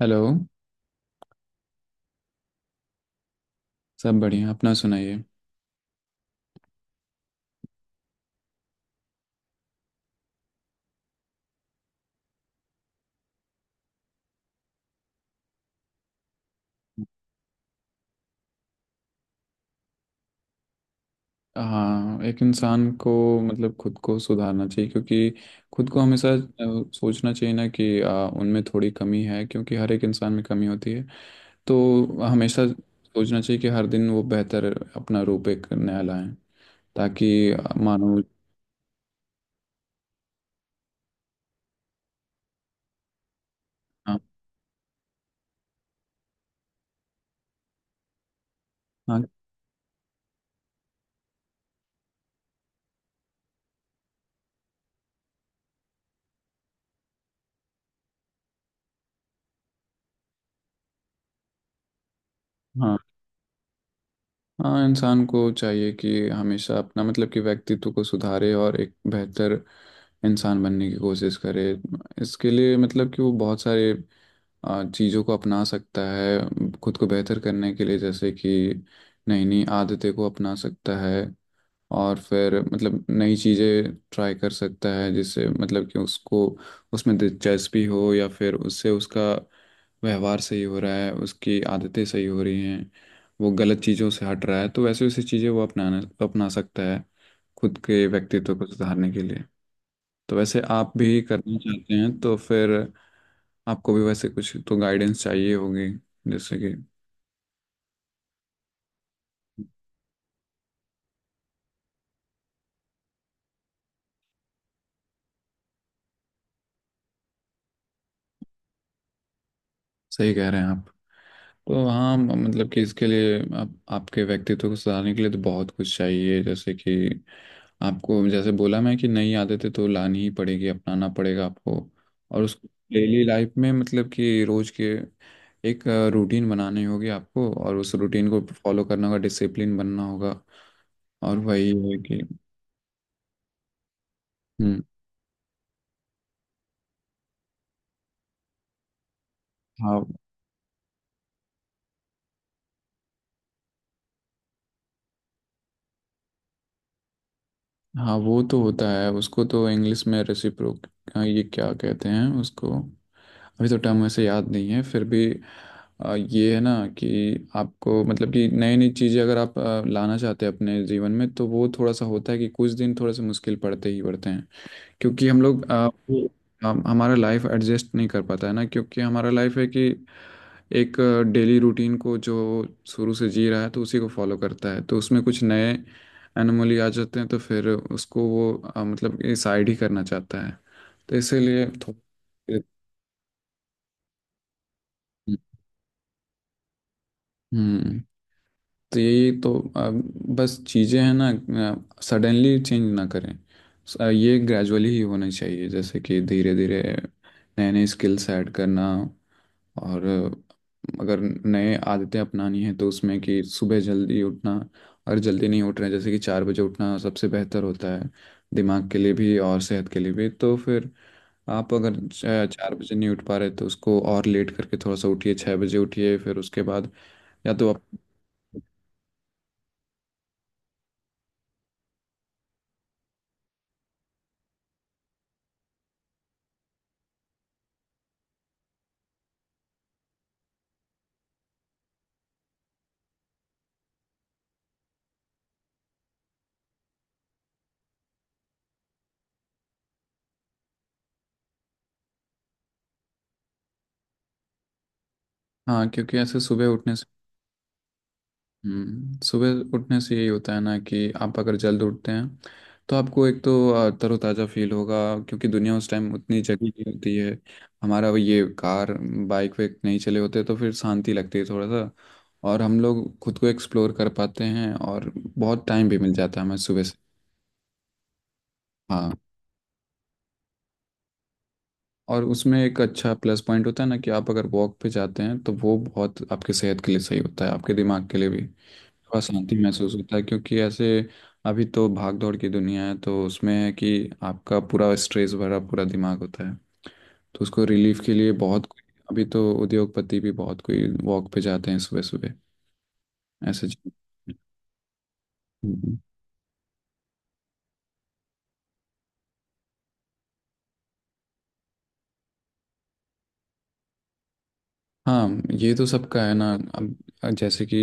Hello. सब बढ़िया, अपना सुनाइए। हाँ, एक इंसान को मतलब खुद को सुधारना चाहिए, क्योंकि खुद को हमेशा सोचना चाहिए ना कि उनमें थोड़ी कमी है, क्योंकि हर एक इंसान में कमी होती है। तो हमेशा सोचना चाहिए कि हर दिन वो बेहतर अपना रूप एक नया लाएं, ताकि मानो। हाँ, हाँ, हाँ, हाँ। इंसान को चाहिए कि हमेशा अपना मतलब कि व्यक्तित्व को सुधारे और एक बेहतर इंसान बनने की कोशिश करे। इसके लिए मतलब कि वो बहुत सारे चीज़ों को अपना सकता है खुद को बेहतर करने के लिए, जैसे कि नई नई आदतें को अपना सकता है। और फिर मतलब नई चीज़ें ट्राई कर सकता है, जिससे मतलब कि उसको उसमें दिलचस्पी हो या फिर उससे उसका व्यवहार सही हो रहा है, उसकी आदतें सही हो रही हैं, वो गलत चीज़ों से हट रहा है, तो वैसे वैसे चीज़ें वो अपनाना अपना सकता है खुद के व्यक्तित्व को सुधारने के लिए। तो वैसे आप भी करना चाहते हैं तो फिर आपको भी वैसे कुछ तो गाइडेंस चाहिए होगी, जैसे कि सही कह रहे हैं आप। तो हाँ, मतलब कि इसके लिए आप आपके व्यक्तित्व को सुधारने के लिए तो बहुत कुछ चाहिए, जैसे कि आपको जैसे बोला मैं कि नई आदतें तो लानी ही पड़ेगी, अपनाना पड़ेगा आपको। और उसको डेली लाइफ में मतलब कि रोज के एक रूटीन बनानी होगी आपको, और उस रूटीन को फॉलो करना होगा, डिसिप्लिन बनना होगा। और वही है कि… हम्म। हाँ हाँ, वो तो होता है। उसको तो इंग्लिश में रेसिप्रोक, ये क्या कहते हैं उसको, अभी तो टर्म ऐसे याद नहीं है फिर भी। ये है ना कि आपको मतलब कि नई नई चीज़ें अगर आप लाना चाहते हैं अपने जीवन में, तो वो थोड़ा सा होता है कि कुछ दिन थोड़े से मुश्किल पड़ते ही पड़ते हैं। क्योंकि हम लोग जी, हम हमारा लाइफ एडजस्ट नहीं कर पाता है ना, क्योंकि हमारा लाइफ है कि एक डेली रूटीन को जो शुरू से जी रहा है तो उसी को फॉलो करता है, तो उसमें कुछ नए एनोमली आ जाते हैं, तो फिर उसको वो मतलब ये साइड ही करना चाहता है। तो इसीलिए हम्म। तो यही तो बस चीज़ें हैं ना। सडनली चेंज ना करें। ये ग्रेजुअली ही होना चाहिए, जैसे कि धीरे धीरे नए नए स्किल्स ऐड करना। और अगर नए आदतें अपनानी है तो उसमें कि सुबह जल्दी उठना। अगर जल्दी नहीं उठ रहे हैं, जैसे कि 4 बजे उठना सबसे बेहतर होता है दिमाग के लिए भी और सेहत के लिए भी। तो फिर आप अगर चार बजे नहीं उठ पा रहे, तो उसको और लेट करके थोड़ा सा उठिए, 6 बजे उठिए, फिर उसके बाद या तो आप… हाँ, क्योंकि ऐसे सुबह उठने… सुबह उठने से यही होता है ना कि आप अगर जल्द उठते हैं तो आपको एक तो तरोताज़ा फील होगा, क्योंकि दुनिया उस टाइम उतनी जगी नहीं होती है। हमारा वो ये कार, बाइक वेक नहीं चले होते, तो फिर शांति लगती है थोड़ा सा। और हम लोग खुद को एक्सप्लोर कर पाते हैं, और बहुत टाइम भी मिल जाता है हमें सुबह से। हाँ। और उसमें एक अच्छा प्लस पॉइंट होता है ना कि आप अगर वॉक पे जाते हैं तो वो बहुत आपके सेहत के लिए सही होता है, आपके दिमाग के लिए भी। थोड़ा शांति महसूस होता है, क्योंकि ऐसे अभी तो भाग दौड़ की दुनिया है, तो उसमें है कि आपका पूरा स्ट्रेस भरा पूरा दिमाग होता है। तो उसको रिलीफ के लिए बहुत कोई… अभी तो उद्योगपति भी बहुत कोई वॉक पे जाते हैं सुबह सुबह, ऐसे चीज़। हम्म। हाँ, ये तो सबका है ना। अब जैसे कि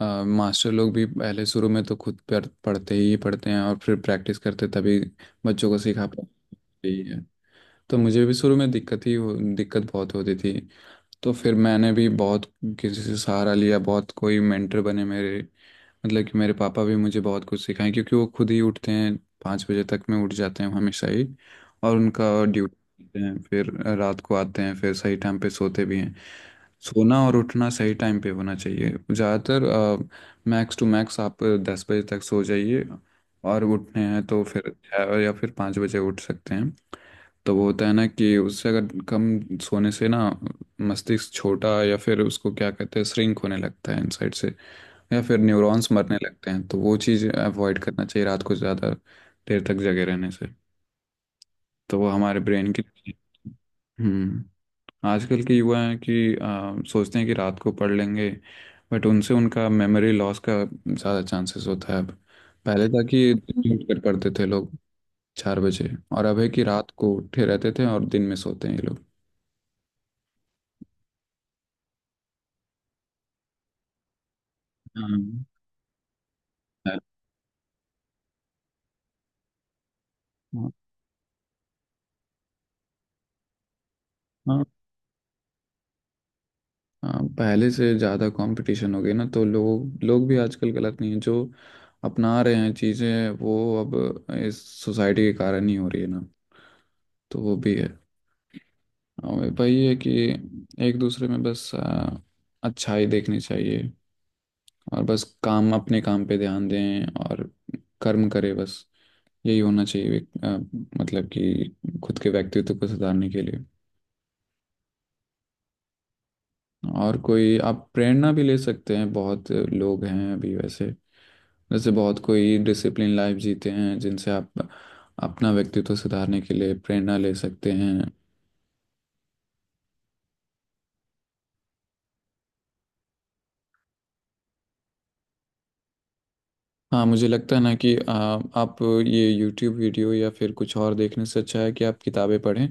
मास्टर लोग भी पहले शुरू में तो खुद पर पढ़ते ही पढ़ते हैं और फिर प्रैक्टिस करते तभी बच्चों को सिखा पाते ही है। तो मुझे भी शुरू में दिक्कत ही दिक्कत बहुत होती थी। तो फिर मैंने भी बहुत किसी से सहारा लिया, बहुत कोई मेंटर बने मेरे, मतलब कि मेरे पापा भी मुझे बहुत कुछ सिखाए। क्योंकि वो खुद ही उठते हैं, 5 बजे तक में उठ जाते हैं हमेशा ही, और उनका ड्यूटी हैं फिर रात को आते हैं, फिर सही टाइम पे सोते भी हैं। सोना और उठना सही टाइम पे होना चाहिए ज़्यादातर। मैक्स टू मैक्स आप 10 बजे तक सो जाइए, और उठने हैं तो फिर 6 या फिर 5 बजे उठ सकते हैं। तो वो होता है ना कि उससे अगर कम सोने से ना मस्तिष्क छोटा, या फिर उसको क्या कहते हैं, श्रिंक होने लगता है इनसाइड से। या फिर न्यूरॉन्स मरने लगते हैं, तो वो चीज़ अवॉइड करना चाहिए रात को ज़्यादा देर तक जगे रहने से, तो वो हमारे ब्रेन के लिए। हम्म। आजकल के युवा हैं कि सोचते हैं कि रात को पढ़ लेंगे, बट उनसे उनका मेमोरी लॉस का ज़्यादा चांसेस होता है। अब पहले था कि दिन में उठ कर पढ़ते थे लोग 4 बजे। और अब है कि रात को उठे रहते थे और दिन में सोते हैं ये लोग। हाँ, हाँ, हाँ, हाँ, पहले से ज़्यादा कंपटीशन हो गई ना, तो लोग लोग भी आजकल गलत नहीं है, जो अपना रहे हैं चीज़ें वो अब इस सोसाइटी के कारण ही हो रही है ना, तो वो भी है। और वही है कि एक दूसरे में बस अच्छाई देखनी चाहिए, और बस काम अपने काम पे ध्यान दें और कर्म करें बस। यही होना चाहिए। आ, मतलब कि खुद के व्यक्तित्व को सुधारने के लिए। और कोई आप प्रेरणा भी ले सकते हैं, बहुत लोग हैं अभी वैसे, जैसे बहुत कोई डिसिप्लिन लाइफ जीते हैं जिनसे आप अपना व्यक्तित्व सुधारने के लिए प्रेरणा ले सकते हैं। हाँ, मुझे लगता है ना कि आप ये यूट्यूब वीडियो या फिर कुछ और देखने से अच्छा है कि आप किताबें पढ़ें।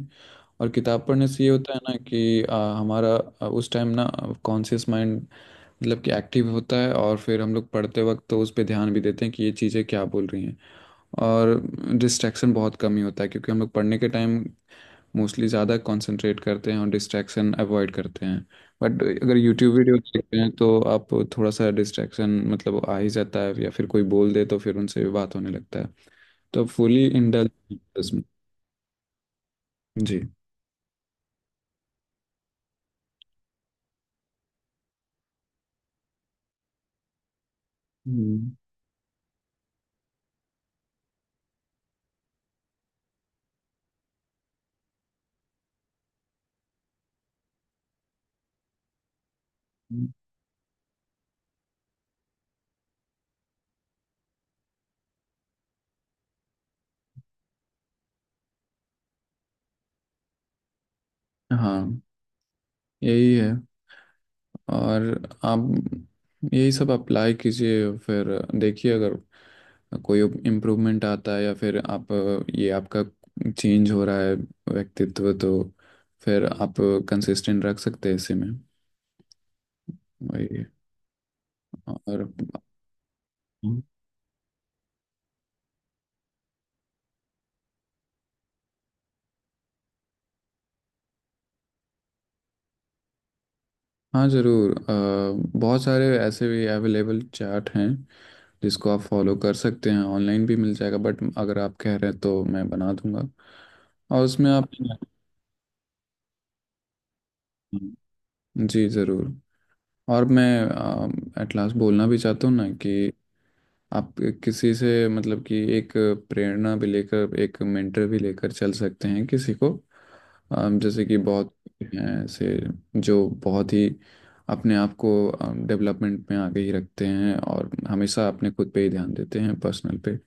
और किताब पढ़ने से ये होता है ना कि हमारा उस टाइम ना कॉन्शियस माइंड मतलब कि एक्टिव होता है, और फिर हम लोग पढ़ते वक्त तो उस पर ध्यान भी देते हैं कि ये चीज़ें क्या बोल रही हैं। और डिस्ट्रैक्शन बहुत कम ही होता है, क्योंकि हम लोग पढ़ने के टाइम मोस्टली ज़्यादा कंसंट्रेट करते हैं और डिस्ट्रैक्शन अवॉइड करते हैं। बट अगर यूट्यूब वीडियो देखते हैं, तो आप थोड़ा सा डिस्ट्रैक्शन मतलब आ ही जाता है, या फिर कोई बोल दे तो फिर उनसे भी बात होने लगता है, तो फुली इंडल्ज उसमें। जी। हम्म। हाँ, यही है। और आप यही सब अप्लाई कीजिए, फिर देखिए अगर कोई इम्प्रूवमेंट आता है, या फिर आप ये आपका चेंज हो रहा है व्यक्तित्व, तो फिर आप कंसिस्टेंट रख सकते हैं इसी में। वही है। और हाँ, ज़रूर, बहुत सारे ऐसे भी अवेलेबल चार्ट हैं जिसको आप फॉलो कर सकते हैं, ऑनलाइन भी मिल जाएगा, बट अगर आप कह रहे हैं तो मैं बना दूंगा। और उसमें आप… जी, ज़रूर। और मैं एट लास्ट बोलना भी चाहता हूँ ना कि आप किसी से मतलब कि एक प्रेरणा भी लेकर, एक मेंटर भी लेकर चल सकते हैं किसी को। जैसे कि बहुत हैं ऐसे, जो बहुत ही अपने आप को डेवलपमेंट में आगे ही रखते हैं और हमेशा अपने खुद पे ही ध्यान देते हैं पर्सनल पे।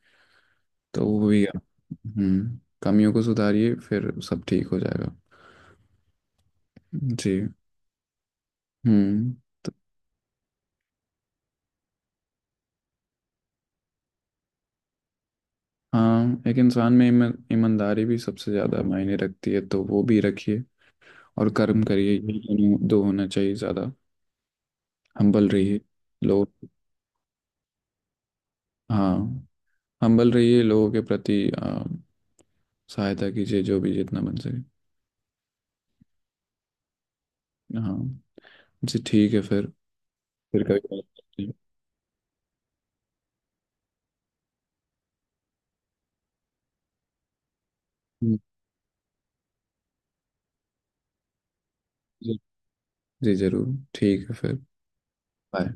तो वो भी हम्म, कमियों को सुधारिए फिर सब ठीक हो जाएगा। जी। हम्म। तो… हाँ, एक इंसान में ईमानदारी भी सबसे ज़्यादा मायने रखती है, तो वो भी रखिए। और कर्म करिए, यही दोनों दो होना चाहिए ज्यादा। हम्बल रहिए, लोग… हाँ, हम्बल रहिए लोगों के प्रति, सहायता कीजिए जो भी जितना बन सके। हाँ। जी, ठीक है फिर कभी बात करते हैं। हम्म, जी। जी, जरूर, ठीक है फिर। बाय।